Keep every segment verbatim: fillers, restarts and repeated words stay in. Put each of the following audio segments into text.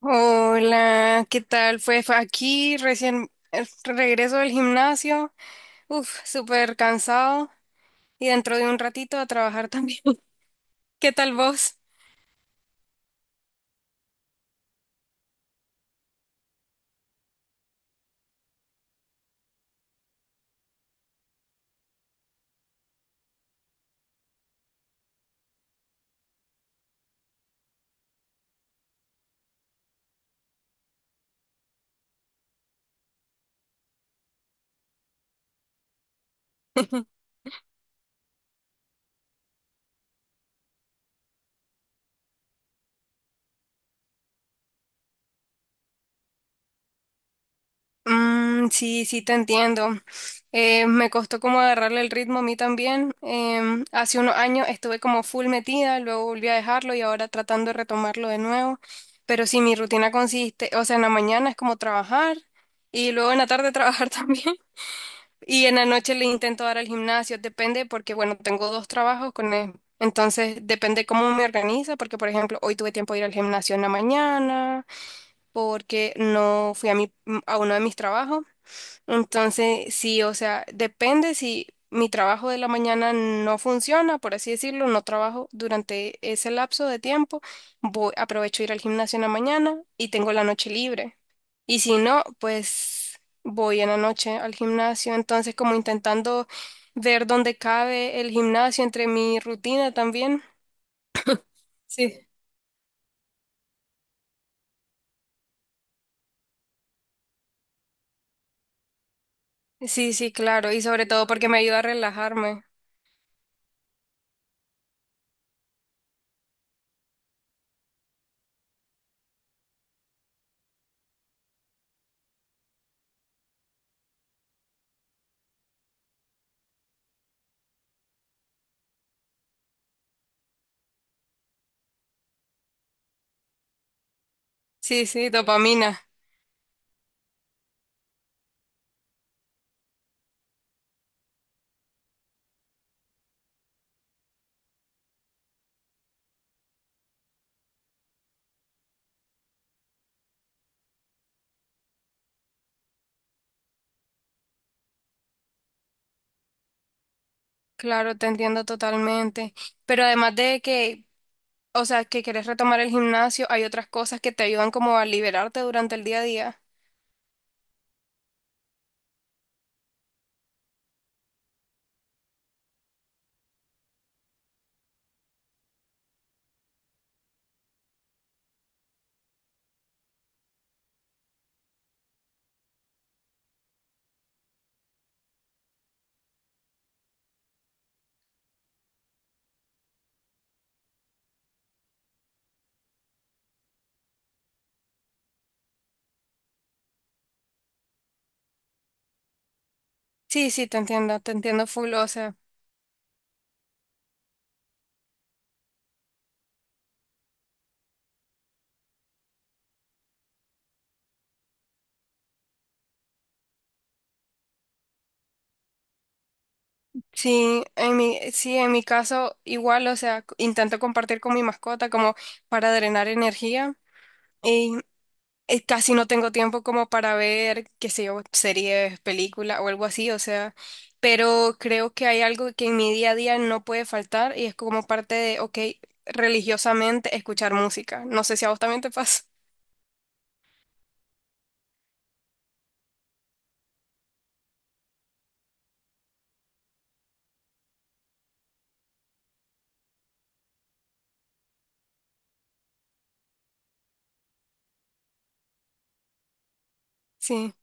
Hola, ¿qué tal? Pues fue aquí recién eh, regreso del gimnasio, uf, súper cansado y dentro de un ratito a trabajar también. ¿Qué tal vos? Mm, sí, sí, te entiendo. Eh, me costó como agarrarle el ritmo a mí también. Em, hace unos años estuve como full metida, luego volví a dejarlo y ahora tratando de retomarlo de nuevo. Pero sí, mi rutina consiste, o sea, en la mañana es como trabajar y luego en la tarde trabajar también. Y en la noche le intento dar al gimnasio, depende porque, bueno, tengo dos trabajos con él. Entonces, depende cómo me organiza, porque, por ejemplo, hoy tuve tiempo de ir al gimnasio en la mañana, porque no fui a, mi, a uno de mis trabajos. Entonces, sí, o sea, depende si mi trabajo de la mañana no funciona, por así decirlo, no trabajo durante ese lapso de tiempo, voy, aprovecho ir al gimnasio en la mañana y tengo la noche libre. Y si no, pues voy en la noche al gimnasio. Entonces, como intentando ver dónde cabe el gimnasio entre mi rutina también. Sí. Sí, sí, claro. Y sobre todo porque me ayuda a relajarme. Sí, sí, dopamina. Claro, te entiendo totalmente. Pero además de que, o sea, que quieres retomar el gimnasio, hay otras cosas que te ayudan como a liberarte durante el día a día. Sí, sí, te entiendo, te entiendo full, o sea. Sí, en mi, sí, en mi caso igual, o sea, c- intento compartir con mi mascota como para drenar energía y eh, casi no tengo tiempo como para ver, qué sé yo, series, películas o algo así, o sea, pero creo que hay algo que en mi día a día no puede faltar y es como parte de, ok, religiosamente escuchar música. No sé si a vos también te pasa. Sí,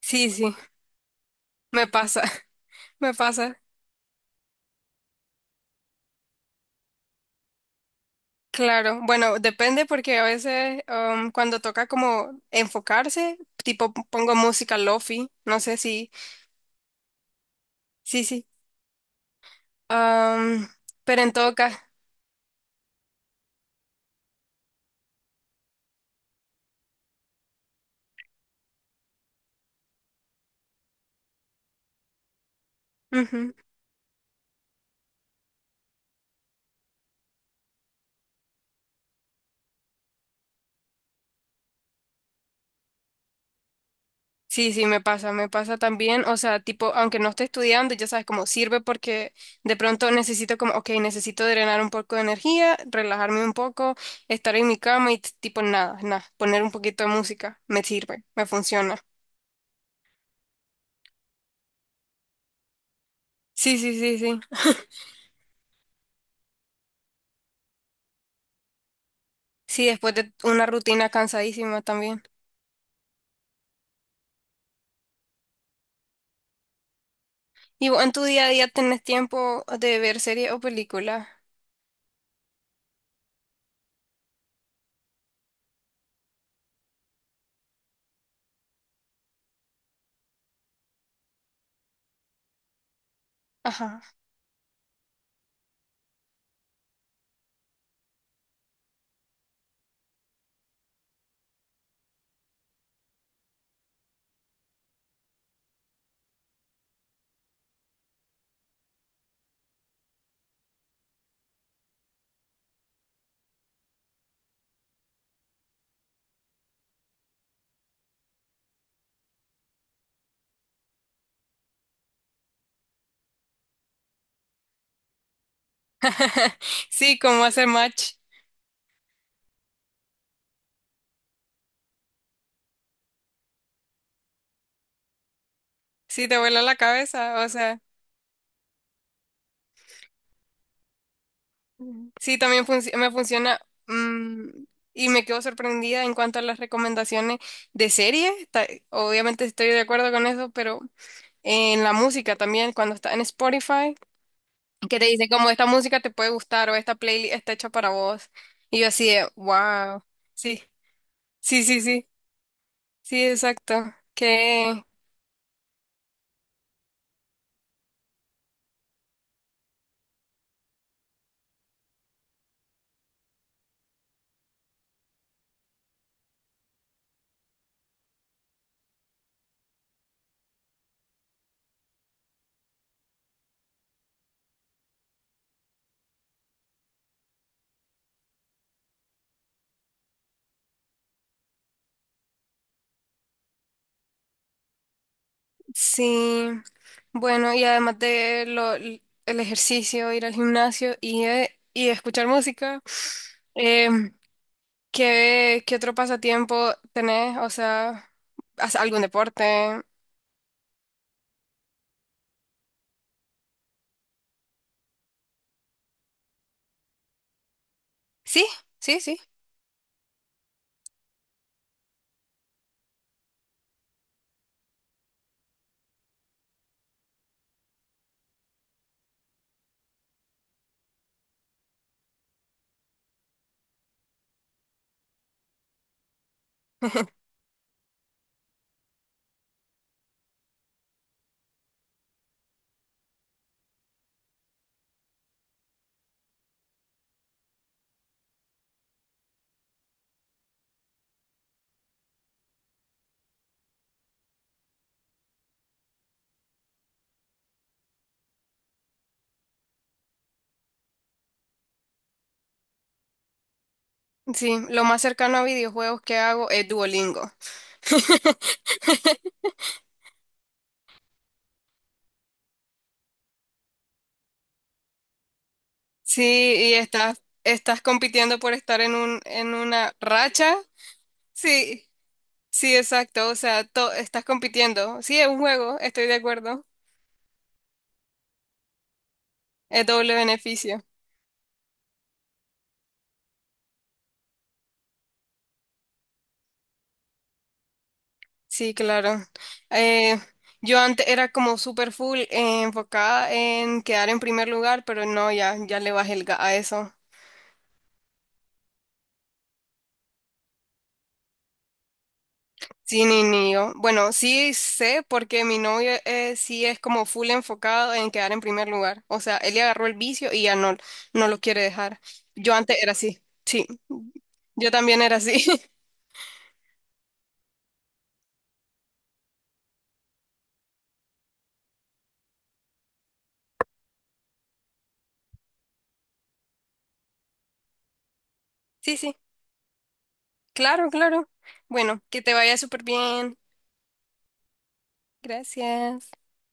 sí, sí, me pasa, me pasa. Claro, bueno, depende porque a veces um, cuando toca como enfocarse, tipo p- pongo música lofi, no sé si, sí, sí, um, pero en todo caso, ujú, sí, sí, me pasa, me pasa también, o sea, tipo, aunque no esté estudiando, ya sabes cómo sirve porque de pronto necesito como, ok, necesito drenar un poco de energía, relajarme un poco, estar en mi cama y t- tipo nada, nada, poner un poquito de música, me sirve, me funciona. Sí, sí, sí, sí. Sí, después de una rutina cansadísima también. Y vos en tu día a día tenés tiempo de ver series o películas. Ajá. Sí, como hacer match. Sí, te vuela la cabeza. O sea, ujú, sí, también funci- me funciona. mm, y me quedo sorprendida en cuanto a las recomendaciones de series. Ta- Obviamente estoy de acuerdo con eso, pero en la música también, cuando está en Spotify, que te dice como esta música te puede gustar o esta playlist está hecha para vos. Y yo así de, wow. Sí, sí, sí, sí. Sí, exacto. Que sí, bueno, y además de lo, el ejercicio, ir al gimnasio y, eh, y escuchar música, em, ¿qué, qué otro pasatiempo tenés? O sea, ¿haces algún deporte? Sí, sí, sí. Sí, lo más cercano a videojuegos que hago es Duolingo. Sí, y estás, estás compitiendo por estar en un, en una racha. Sí, sí, exacto. O sea, to- estás compitiendo. Sí, es un juego, estoy de acuerdo. Es doble beneficio. Sí, claro. Eh, yo antes era como super full eh, enfocada en quedar en primer lugar, pero no, ya, ya le bajé el ga- a eso. Sí, ni, ni yo. Bueno, sí sé porque mi novio eh, sí es como full enfocado en quedar en primer lugar. O sea, él le agarró el vicio y ya no, no lo quiere dejar. Yo antes era así. Sí, yo también era así. Sí, sí. Claro, claro. Bueno, que te vaya súper bien. Gracias.